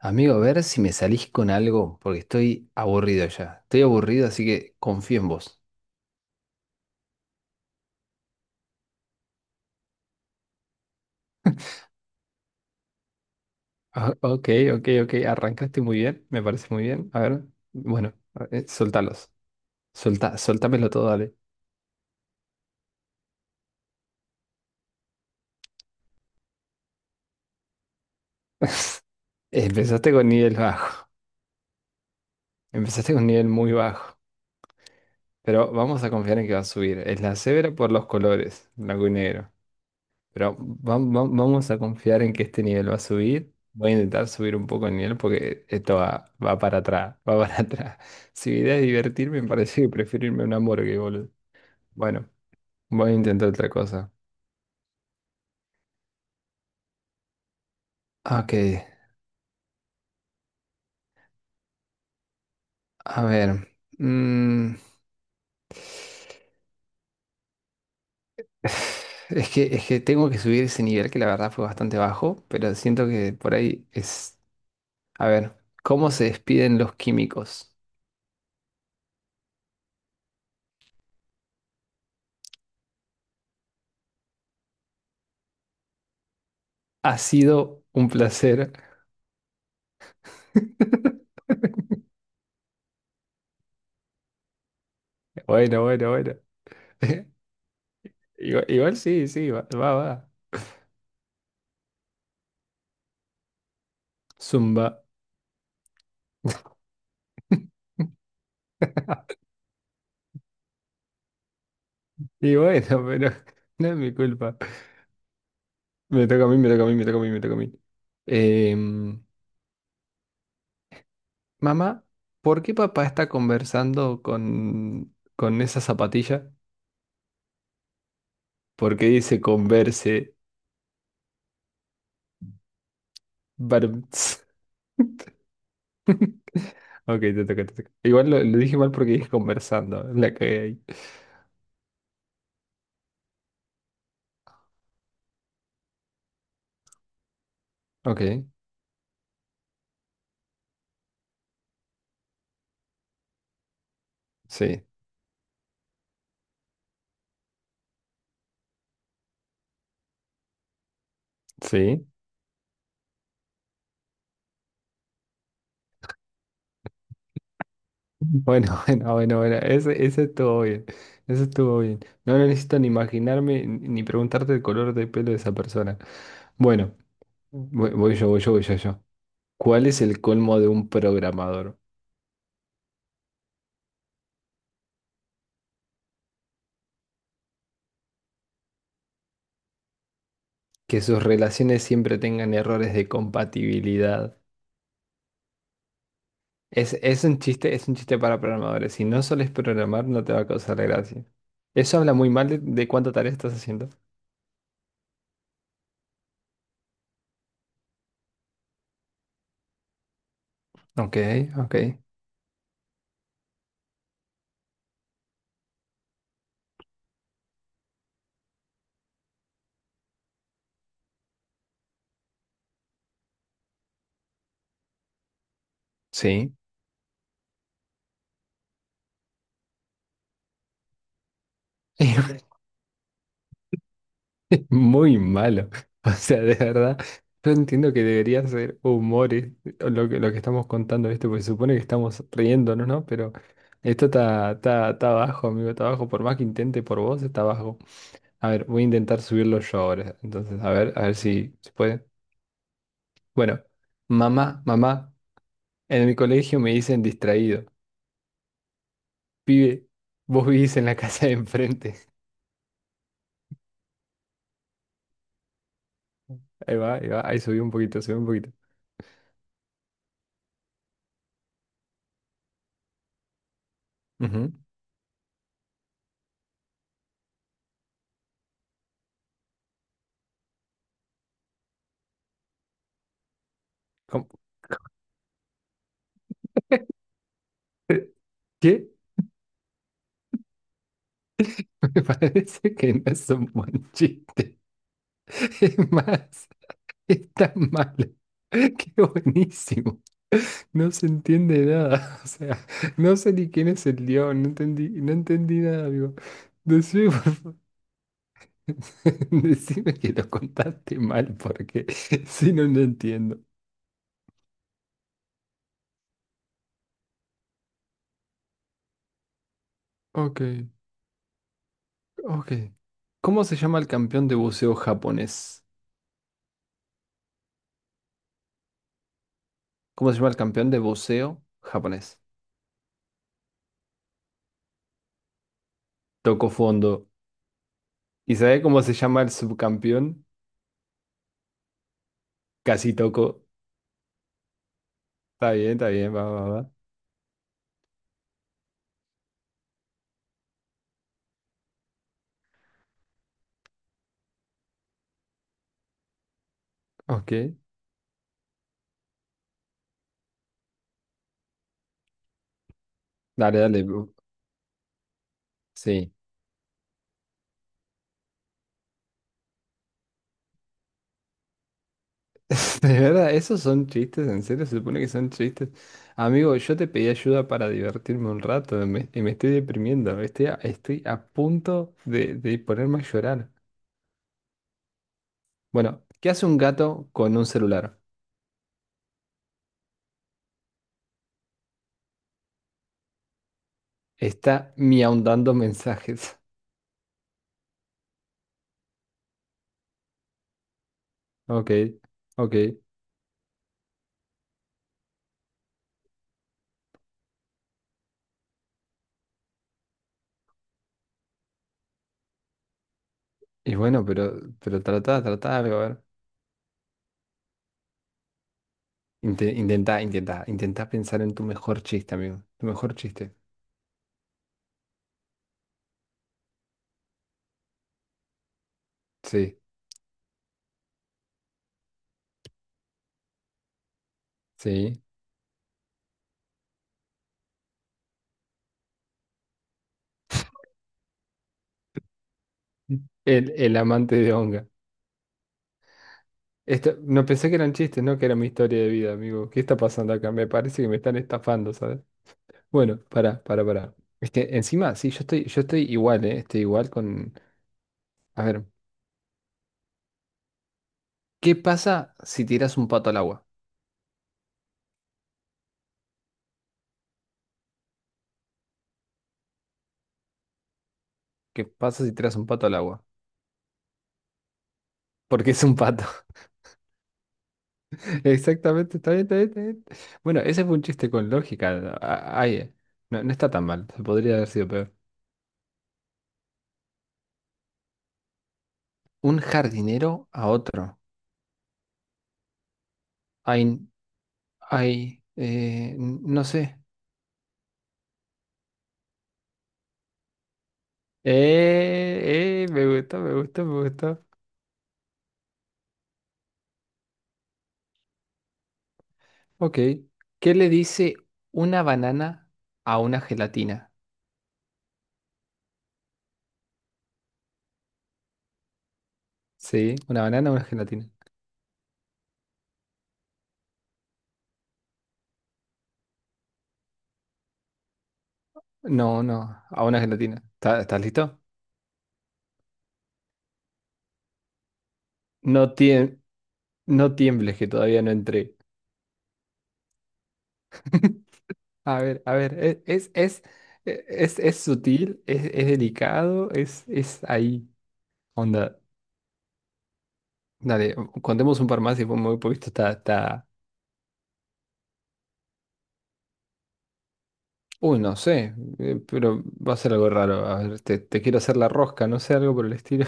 Amigo, a ver si me salís con algo, porque estoy aburrido ya. Estoy aburrido, así que confío en vos. Ah, Ok, ok, ok. Arrancaste muy bien, me parece muy bien. A ver, bueno, soltalos. Soltámelo todo, dale. Empezaste con nivel bajo. Empezaste con nivel muy bajo. Pero vamos a confiar en que va a subir. Es la severa por los colores, blanco y negro. Pero vamos a confiar en que este nivel va a subir. Voy a intentar subir un poco el nivel porque esto va para atrás, va para atrás. Si mi idea es divertirme, me parece que prefiero irme a un hamburguesa, boludo. Bueno, voy a intentar otra cosa. Ok, a ver. mm, es que tengo que subir ese nivel que la verdad fue bastante bajo, pero siento que por ahí es... A ver, ¿cómo se despiden los químicos? Ha sido un placer. Bueno, bueno, bueno. Igual, igual, sí, sí, va, va, va. Zumba. Y bueno, pero no es mi culpa. Me toca a mí, me toca a mí, me toca a mí, me toca a mí. Em, mamá, ¿por qué papá está conversando con esa zapatilla? Porque dice converse. Barum, ts. Ok, te toca, te toca. Igual lo dije mal porque dije conversando. La que hay. Ok, sí, sí. Bueno, bueno, bueno, bueno, ese estuvo bien, ese estuvo bien. No necesito ni imaginarme ni preguntarte el color de pelo de esa persona. Bueno, voy yo, voy yo, voy yo, yo. ¿Cuál es el colmo de un programador? Que sus relaciones siempre tengan errores de compatibilidad. Es un chiste para programadores. Si no sueles programar, no te va a causar gracia. Eso habla muy mal de cuánta tarea estás haciendo. Ok, ok, sí. Muy malo. O sea, de verdad, yo entiendo que debería ser humores lo que estamos contando, ¿viste? Porque se supone que estamos riéndonos, ¿no? Pero esto está bajo, amigo, está bajo. Por más que intente por vos, está bajo. A ver, voy a intentar subirlo yo ahora. Entonces, a ver si se puede. Bueno, mamá, mamá, en mi colegio me dicen distraído. Pibe, vos vivís en la casa de enfrente. Ahí va, ahí va, ahí subí un poquito, subí un poquito. Ujú. ¿Cómo? ¿Qué? Me parece que no es un buen chiste. Es más, es tan malo. Qué buenísimo. No se entiende nada. O sea, no sé ni quién es el león. No entendí, no entendí nada, amigo. Decime, decime que lo contaste mal porque si no, no entiendo. Ok, ok. ¿Cómo se llama el campeón de buceo japonés? ¿Cómo se llama el campeón de buceo japonés? Tocó fondo. ¿Y sabe cómo se llama el subcampeón? Casi toco. Está bien, va, va, va. Ok. Dale, dale. Sí. De verdad, esos son chistes, en serio, se supone que son chistes. Amigo, yo te pedí ayuda para divertirme un rato y me estoy deprimiendo. Estoy a punto de ponerme a llorar. Bueno, ¿qué hace un gato con un celular? Está miaundando mensajes. Ok, ok. Y bueno, pero trata algo, a ver. Intenta pensar en tu mejor chiste, amigo. Tu mejor chiste. Sí, sí. El amante de Onga. No pensé que eran chistes, ¿no? Que era mi historia de vida, amigo. ¿Qué está pasando acá? Me parece que me están estafando, ¿sabes? Bueno, para, para. Es que encima, sí, yo estoy igual, ¿eh? Estoy igual con... A ver, ¿qué pasa si tiras un pato al agua? ¿Qué pasa si tiras un pato al agua? Porque es un pato. Exactamente, está bien, está bien, está bien. Bueno, ese fue un chiste con lógica. Ay, no, no está tan mal. Podría haber sido peor. Un jardinero a otro. Ay, no sé. Me gusta, me gusta, me gusta. Ok. ¿Qué le dice una banana a una gelatina? Sí, una banana a una gelatina. No, no, a una gelatina. ¿Estás listo? No tiem- no tiembles que todavía no entré. A ver, es, sutil, es delicado, es ahí. Onda, dale, contemos un par más y muy poquito está. Uy, no sé, pero va a ser algo raro. A ver, te quiero hacer la rosca, no sé, algo por el estilo.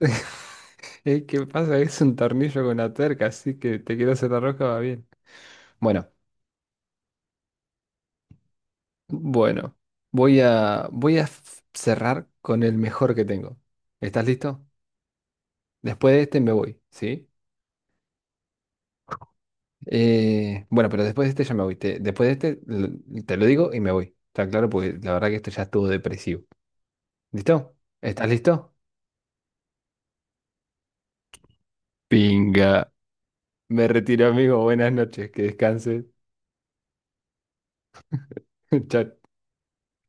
¿Qué pasa? Es un tornillo con una tuerca, así que te quiero hacer la rosca, va bien. Bueno, bueno, voy a cerrar con el mejor que tengo. ¿Estás listo? Después de este me voy, ¿sí? Bueno, pero después de este ya me voy. Después de este te lo digo y me voy. Está claro, porque la verdad que esto ya estuvo depresivo. ¿Listo? ¿Estás listo? Pinga. Me retiro, amigo. Buenas noches. Que descanses. Chao.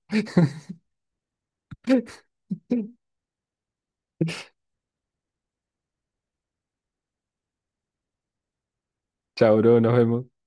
Chao, bro. Nos vemos.